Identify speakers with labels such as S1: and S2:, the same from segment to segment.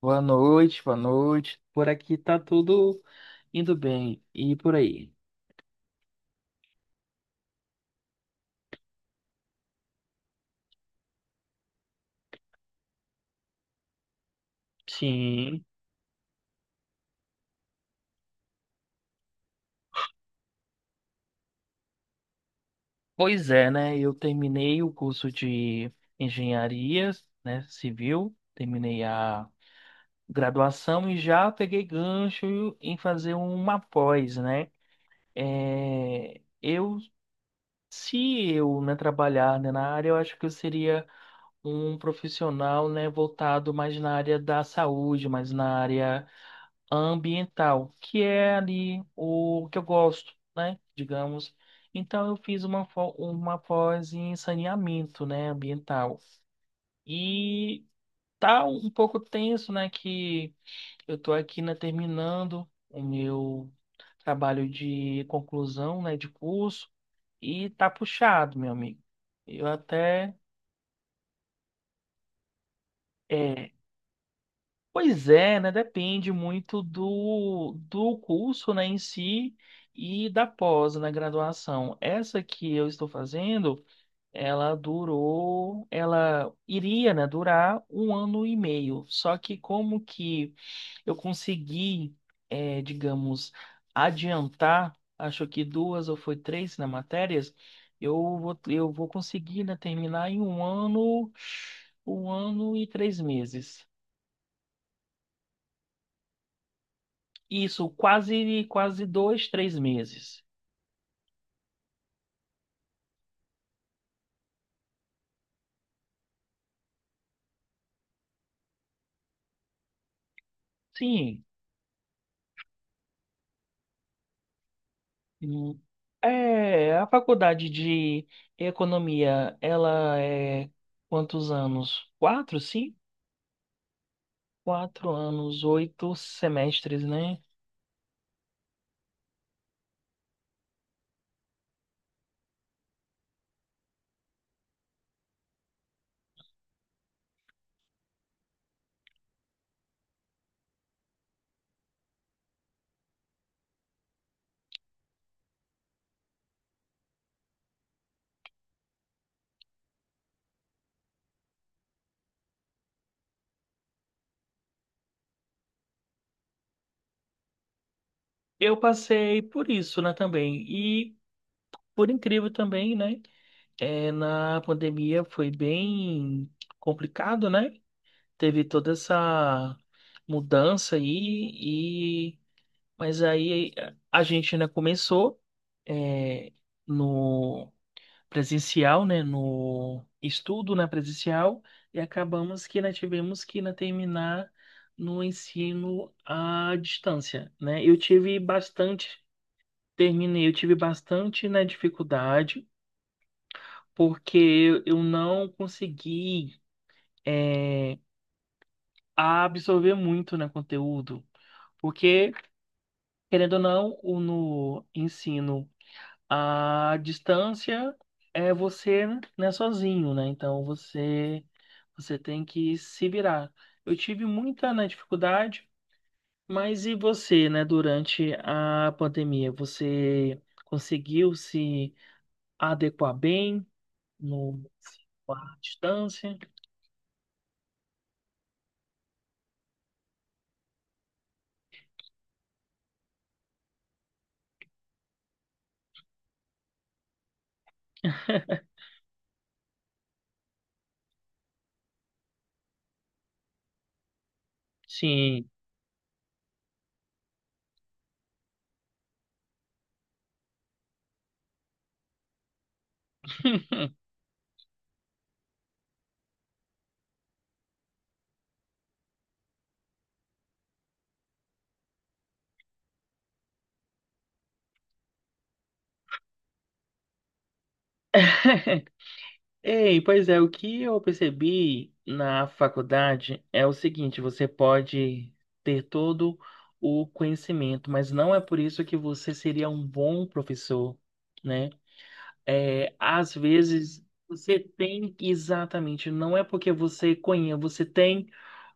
S1: Boa noite, boa noite. Por aqui tá tudo indo bem. E por aí? Sim. Pois é, né? Eu terminei o curso de engenharia, né, civil, terminei a graduação e já peguei gancho em fazer uma pós, né? É, se eu, né, trabalhar, né, na área, eu acho que eu seria um profissional, né, voltado mais na área da saúde, mais na área ambiental, que é ali o que eu gosto, né? Digamos. Então eu fiz uma pós em saneamento, né, ambiental. E tá um pouco tenso, né, que eu tô aqui, né, terminando o meu trabalho de conclusão, né, de curso e tá puxado, meu amigo. Eu até é, Pois é, né? Depende muito do curso, né, em si e da pós, na graduação. Essa que eu estou fazendo, ela durou, ela iria, né, durar 1 ano e meio. Só que como que eu consegui, digamos, adiantar, acho que duas ou foi três, né, matérias, eu vou conseguir, né, terminar em 1 ano, 1 ano e 3 meses. Isso, quase, quase dois, três meses. Sim. Hum. É, a faculdade de economia, ela é quantos anos? Quatro, sim? 4 anos, 8 semestres, né? Eu passei por isso, né, também. E, por incrível também, né? É, na pandemia foi bem complicado, né? Teve toda essa mudança aí. Mas aí a gente, né, começou, é, no presencial, né? No estudo na presencial e acabamos que ainda tivemos que ainda terminar no ensino à distância, né? Eu tive bastante, terminei, eu tive bastante, né, dificuldade porque eu não consegui, é, absorver muito, né, conteúdo. Porque, querendo ou não, o no ensino a distância é você, né, sozinho, né? Então você tem que se virar. Eu tive muita, né, dificuldade, mas e você, né, durante a pandemia? Você conseguiu se adequar bem no à distância? Sim. Ei, pois é, o que eu percebi na faculdade é o seguinte, você pode ter todo o conhecimento, mas não é por isso que você seria um bom professor, né? É, às vezes você tem exatamente, não é porque você conhece, você tem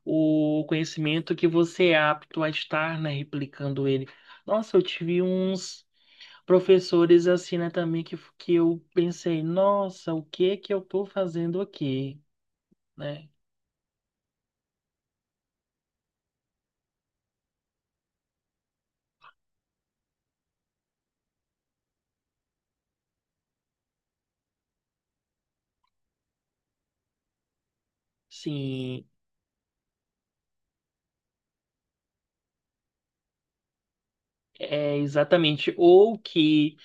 S1: o conhecimento que você é apto a estar, né, replicando ele. Nossa, eu tive uns professores assim, né, também que eu pensei, nossa, o que que eu tô fazendo aqui, né? Sim, é exatamente. Ou que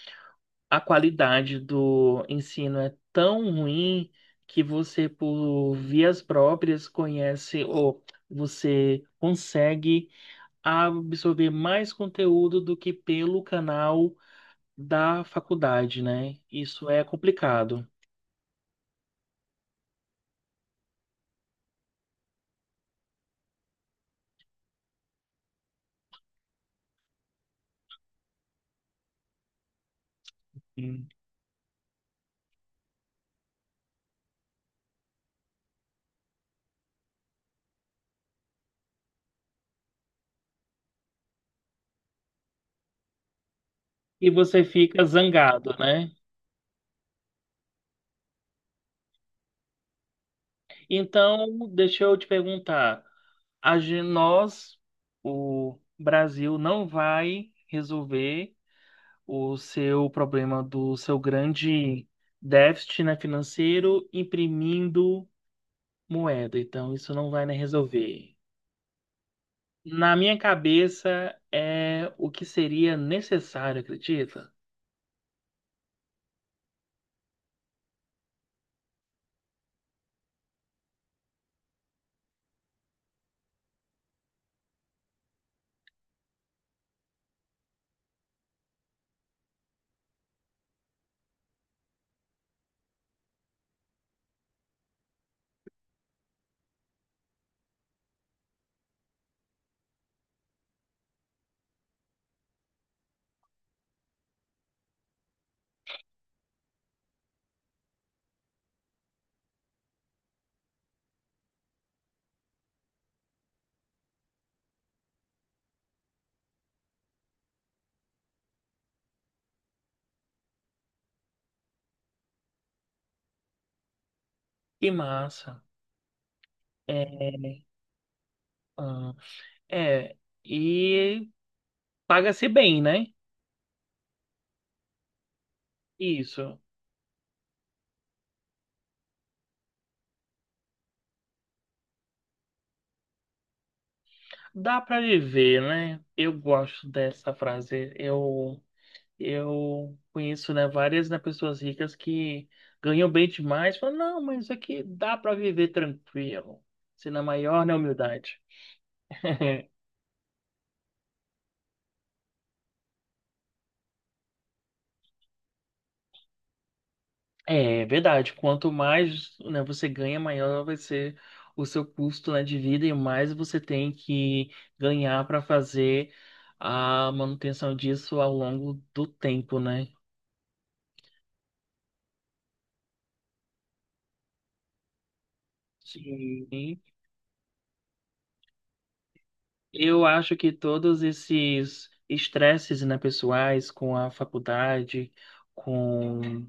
S1: a qualidade do ensino é tão ruim que você, por vias próprias, conhece ou você consegue absorver mais conteúdo do que pelo canal da faculdade, né? Isso é complicado. Sim. E você fica zangado, né? Então, deixa eu te perguntar, nós, o Brasil, não vai resolver o seu problema do seu grande déficit, né, financeiro imprimindo moeda. Então, isso não vai, né, resolver. Na minha cabeça, é o que seria necessário, acredita? Que massa. É, ah, é, e paga-se bem, né? Isso. Dá para viver, né? Eu gosto dessa frase. Eu conheço, né, várias, né, pessoas ricas que ganham bem demais, falam, não, mas isso aqui dá para viver tranquilo. Se na maior, né, humildade. É verdade, quanto mais, né, você ganha, maior vai ser o seu custo, né, de vida e mais você tem que ganhar para fazer a manutenção disso ao longo do tempo, né? Sim. Eu acho que todos esses estresses, né, pessoais com a faculdade, com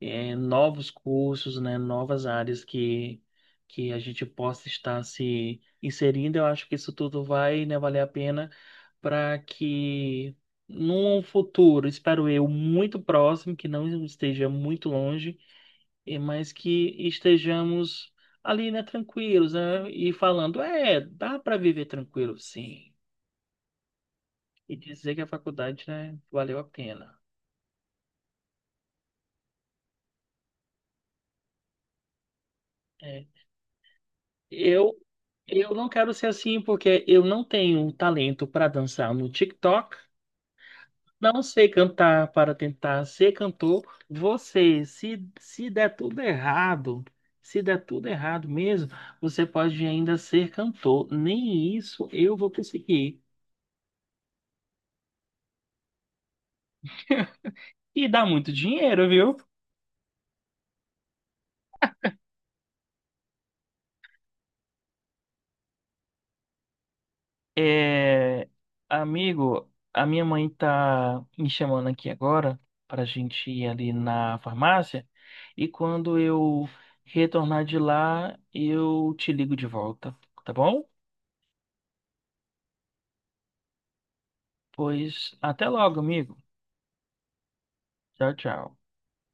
S1: novos cursos, né, novas áreas que a gente possa estar se inserindo, eu acho que isso tudo vai, né, valer a pena para que num futuro, espero eu, muito próximo, que não esteja muito longe, mas que estejamos ali, né, tranquilos, né, e falando, é, dá para viver tranquilo, sim e dizer que a faculdade, né, valeu a pena. É. Eu, eu não quero ser assim porque eu não tenho talento para dançar no TikTok, não sei cantar para tentar ser cantor. Você, se der tudo errado, se der tudo errado mesmo, você pode ainda ser cantor. Nem isso eu vou conseguir. E dá muito dinheiro, viu? É, amigo, a minha mãe tá me chamando aqui agora pra gente ir ali na farmácia e quando eu retornar de lá, eu te ligo de volta, tá bom? Pois até logo, amigo. Tchau, tchau.